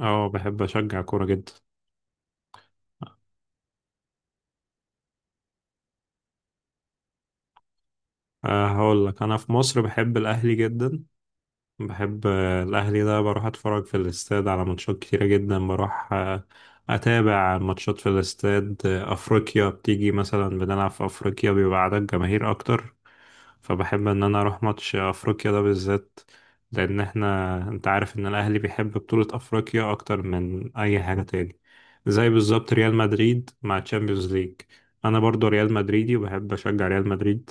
اه، بحب اشجع كورة جدا. أه، هقول لك انا في مصر بحب الاهلي جدا. بحب الاهلي ده، بروح اتفرج في الاستاد على ماتشات كتيرة جدا. بروح اتابع ماتشات في الاستاد. افريقيا بتيجي مثلا بنلعب في افريقيا بيبقى عدد جماهير اكتر، فبحب ان انا اروح ماتش افريقيا ده بالذات، لان احنا، انت عارف ان الاهلي بيحب بطولة افريقيا اكتر من اي حاجة تاني. زي بالظبط ريال مدريد مع تشامبيونز ليج، انا برضو ريال مدريدي وبحب اشجع ريال مدريد.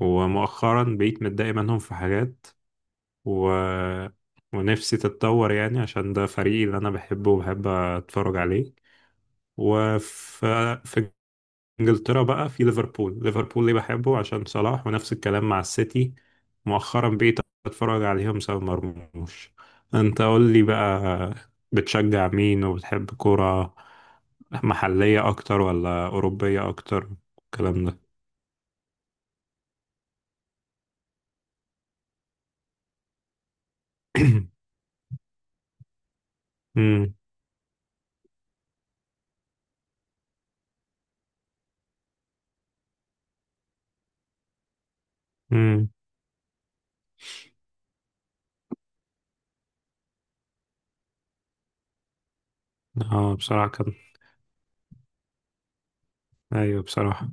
ومؤخرا بقيت متضايق منهم في حاجات، و... ونفسي تتطور يعني عشان ده فريقي اللي انا بحبه وبحب اتفرج عليه. وفي انجلترا بقى، في ليفربول. ليفربول ليه بحبه؟ عشان صلاح، ونفس الكلام مع السيتي. مؤخرا بقيت اتفرج عليهم سبب مرموش. انت قول لي بقى، بتشجع مين؟ وبتحب كرة محلية اكتر ولا اوروبية اكتر؟ الكلام ده. امم. امم. اه، بصراحة كان. ايوه بصراحة.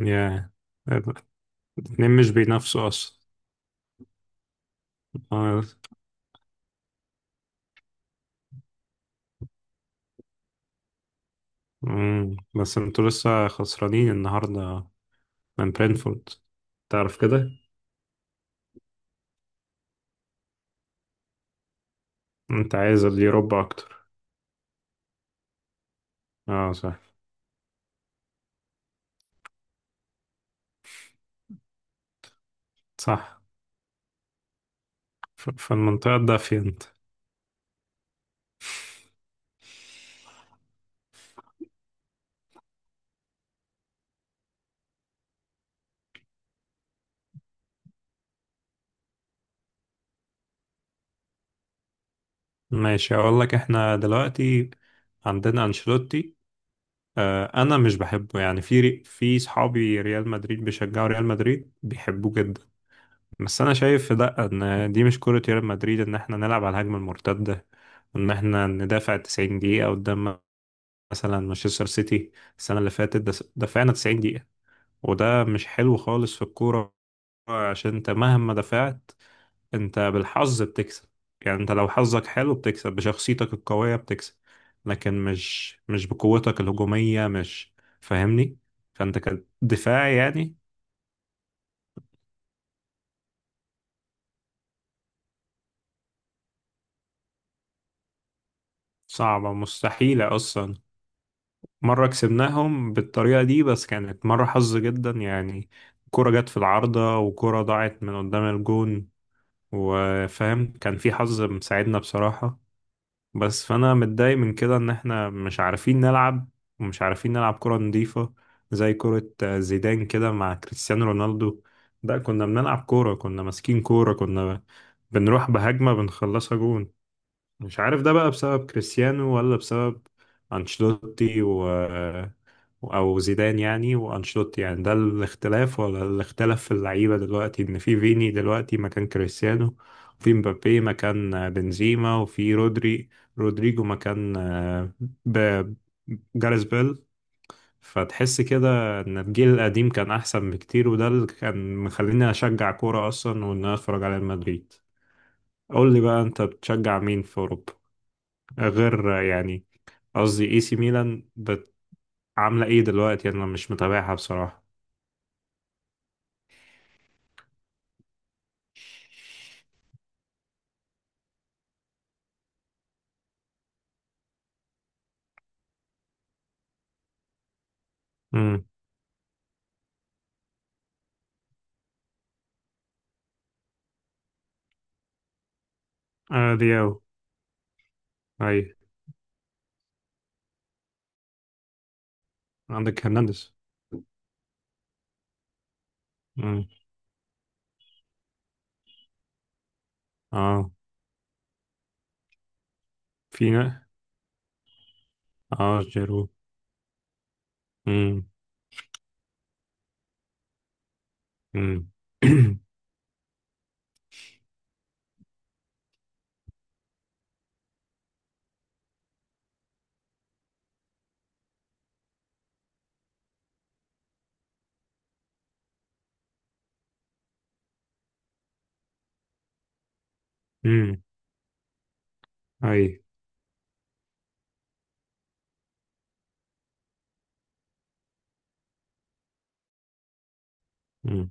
يا، الاتنين مش بينافسوا اصلا. اه. امم. بس انتوا لسه خسرانين النهاردة من برينفورد، تعرف كده. انت عايز اليوروبا اكتر، اه صح. صح. في المنطقة الدافية انت. ماشي، اقول لك احنا دلوقتي عندنا انشيلوتي. انا مش بحبه يعني، في في صحابي ريال مدريد بيشجعوا ريال مدريد بيحبوه جدا، بس انا شايف لا، ان دي مش كرة ريال مدريد، ان احنا نلعب على الهجمة المرتدة، ان احنا ندافع 90 دقيقة قدام مثلا مانشستر سيتي. السنة اللي فاتت دفعنا 90 دقيقة، وده مش حلو خالص في الكورة، عشان انت مهما دفعت انت بالحظ بتكسب. يعني انت لو حظك حلو بتكسب، بشخصيتك القوية بتكسب، لكن مش بقوتك الهجومية. مش فاهمني؟ فانت كدفاع يعني. صعبة مستحيلة اصلا. مرة كسبناهم بالطريقة دي، بس كانت مرة حظ جدا يعني، كرة جت في العارضة، وكرة ضاعت من قدام الجون، وفاهم، كان في حظ مساعدنا بصراحة. بس فانا متضايق من كده، ان احنا مش عارفين نلعب، ومش عارفين نلعب كرة نظيفة. زي كرة زيدان كده مع كريستيانو رونالدو، ده كنا بنلعب كورة، كنا ماسكين كورة، كنا بنروح بهجمة بنخلصها جون. مش عارف ده بقى بسبب كريستيانو ولا بسبب أنشيلوتي، او زيدان يعني وانشيلوتي يعني، ده الاختلاف، ولا الاختلاف في اللعيبه دلوقتي، ان في فيني دلوقتي مكان كريستيانو، وفي مبابي مكان بنزيما، وفي رودريجو مكان ب- جاريث بيل. فتحس كده ان الجيل القديم كان احسن بكتير، وده اللي كان مخليني اشجع كوره اصلا، وان انا اتفرج على ريال مدريد. قول لي بقى، انت بتشجع مين في اوروبا غير يعني، قصدي اي سي ميلان، عامله ايه دلوقتي؟ انا مش متابعها بصراحه. دياو. أي. عندك هرنانديز. مم. اه. فينا. اه جيرو. مم. مم. مم. أي. مم.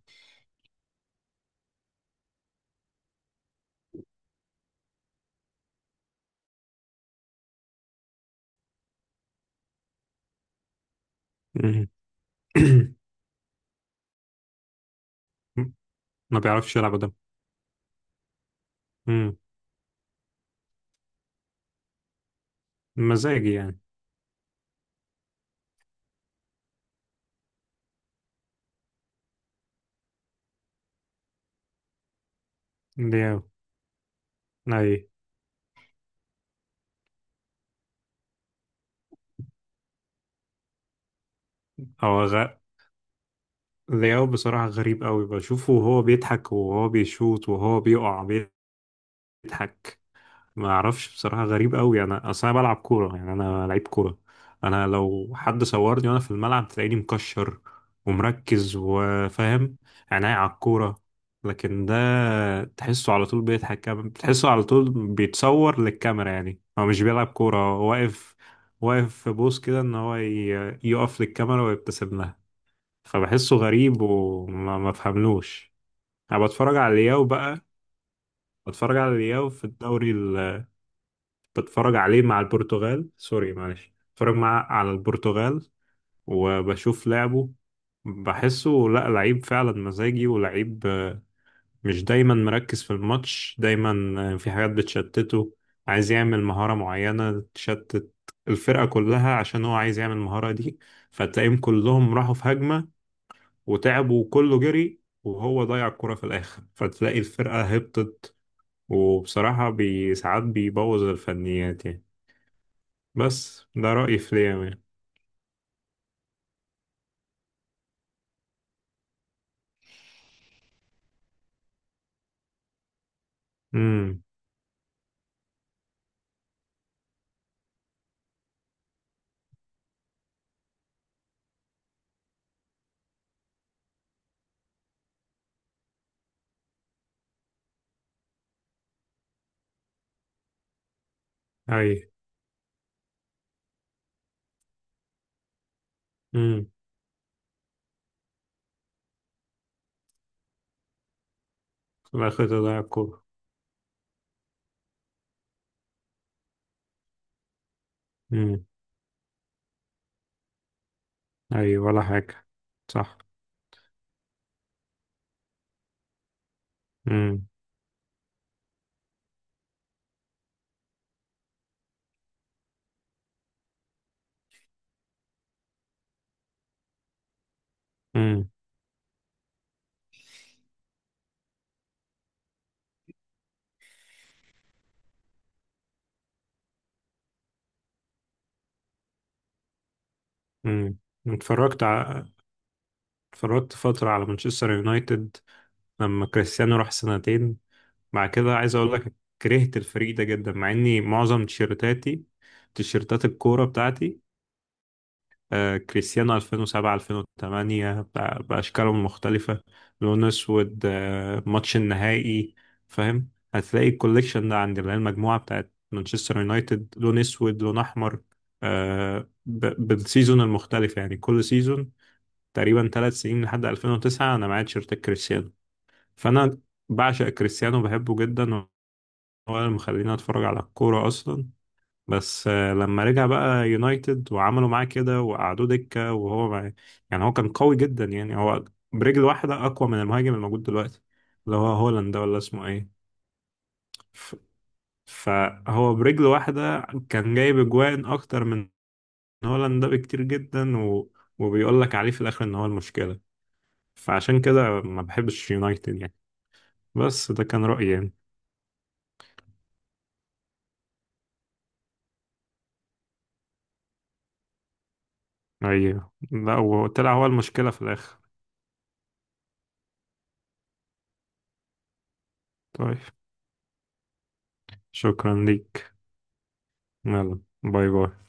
مم. ما بيعرفش يلعب قدام. مم. مزاجي يعني. دياو. أي. هو غ... دياو بصراحة غريب قوي، بشوفه وهو بيضحك وهو بيشوط وهو بيقع، بيضحك. ما اعرفش بصراحه، غريب قوي. انا اصل انا بلعب كوره يعني، انا لعيب كوره. انا لو حد صورني وانا في الملعب تلاقيني مكشر ومركز، وفاهم، عينيا على الكوره. لكن ده تحسه على طول بيضحك، تحسه على طول بيتصور للكاميرا. يعني هو مش بيلعب كوره، هو واقف، واقف في بوز كده ان هو يقف للكاميرا ويبتسم لها. فبحسه غريب، وما ما بفهملوش. انا بتفرج على الياو بقى، بتفرج على الياو في الدوري، بتفرج عليه مع البرتغال. سوري معلش، بتفرج مع، على البرتغال، وبشوف لعبه. بحسه لا، لعيب فعلا مزاجي، ولعيب مش دايما مركز في الماتش دايما. في حاجات بتشتته، عايز يعمل مهارة معينة تشتت الفرقة كلها عشان هو عايز يعمل المهارة دي، فتلاقيهم كلهم راحوا في هجمة وتعبوا وكله جري، وهو ضيع الكرة في الآخر، فتلاقي الفرقة هبطت. وبصراحة بي ساعات بيبوظ الفنيات يعني. بس ده رأيي في ليام يعني. امم. اي. امم. في الآخر تضيع الكورة. امم. اي، ولا حاجة. صح. امم. امم. امم. اتفرجت ع... اتفرجت فترة على مانشستر يونايتد لما كريستيانو راح سنتين. بعد كده عايز اقول لك كرهت الفريق ده جدا، مع اني معظم تيشيرتاتي تيشيرتات الكورة بتاعتي كريستيانو 2007 2008 بأشكالهم المختلفة، لون أسود ماتش النهائي. فاهم هتلاقي الكوليكشن ده عندي، اللي هي المجموعة بتاعت مانشستر يونايتد، لون أسود لون أحمر، بالسيزون المختلف يعني، كل سيزون تقريبا 3 سنين، لحد 2009 أنا معايا تيشيرت كريستيانو. فأنا بعشق كريستيانو بحبه جدا، هو اللي مخليني أتفرج على الكورة أصلا. بس لما رجع بقى يونايتد وعملوا معاه كده وقعدوه دكة، وهو ما، يعني هو كان قوي جدا يعني، هو برجل واحدة أقوى من المهاجم الموجود دلوقتي، اللي هو هولاند ده ولا اسمه ايه. ف- فهو برجل واحدة كان جايب أجوان أكتر من هولاند ده بكتير جدا، وبيقول لك عليه في الآخر إن هو المشكلة. فعشان كده ما بحبش يونايتد يعني، بس ده كان رأيي يعني. أيوه لا، وطلع هو المشكلة في الآخر. طيب شكرا ليك. يلا باي باي.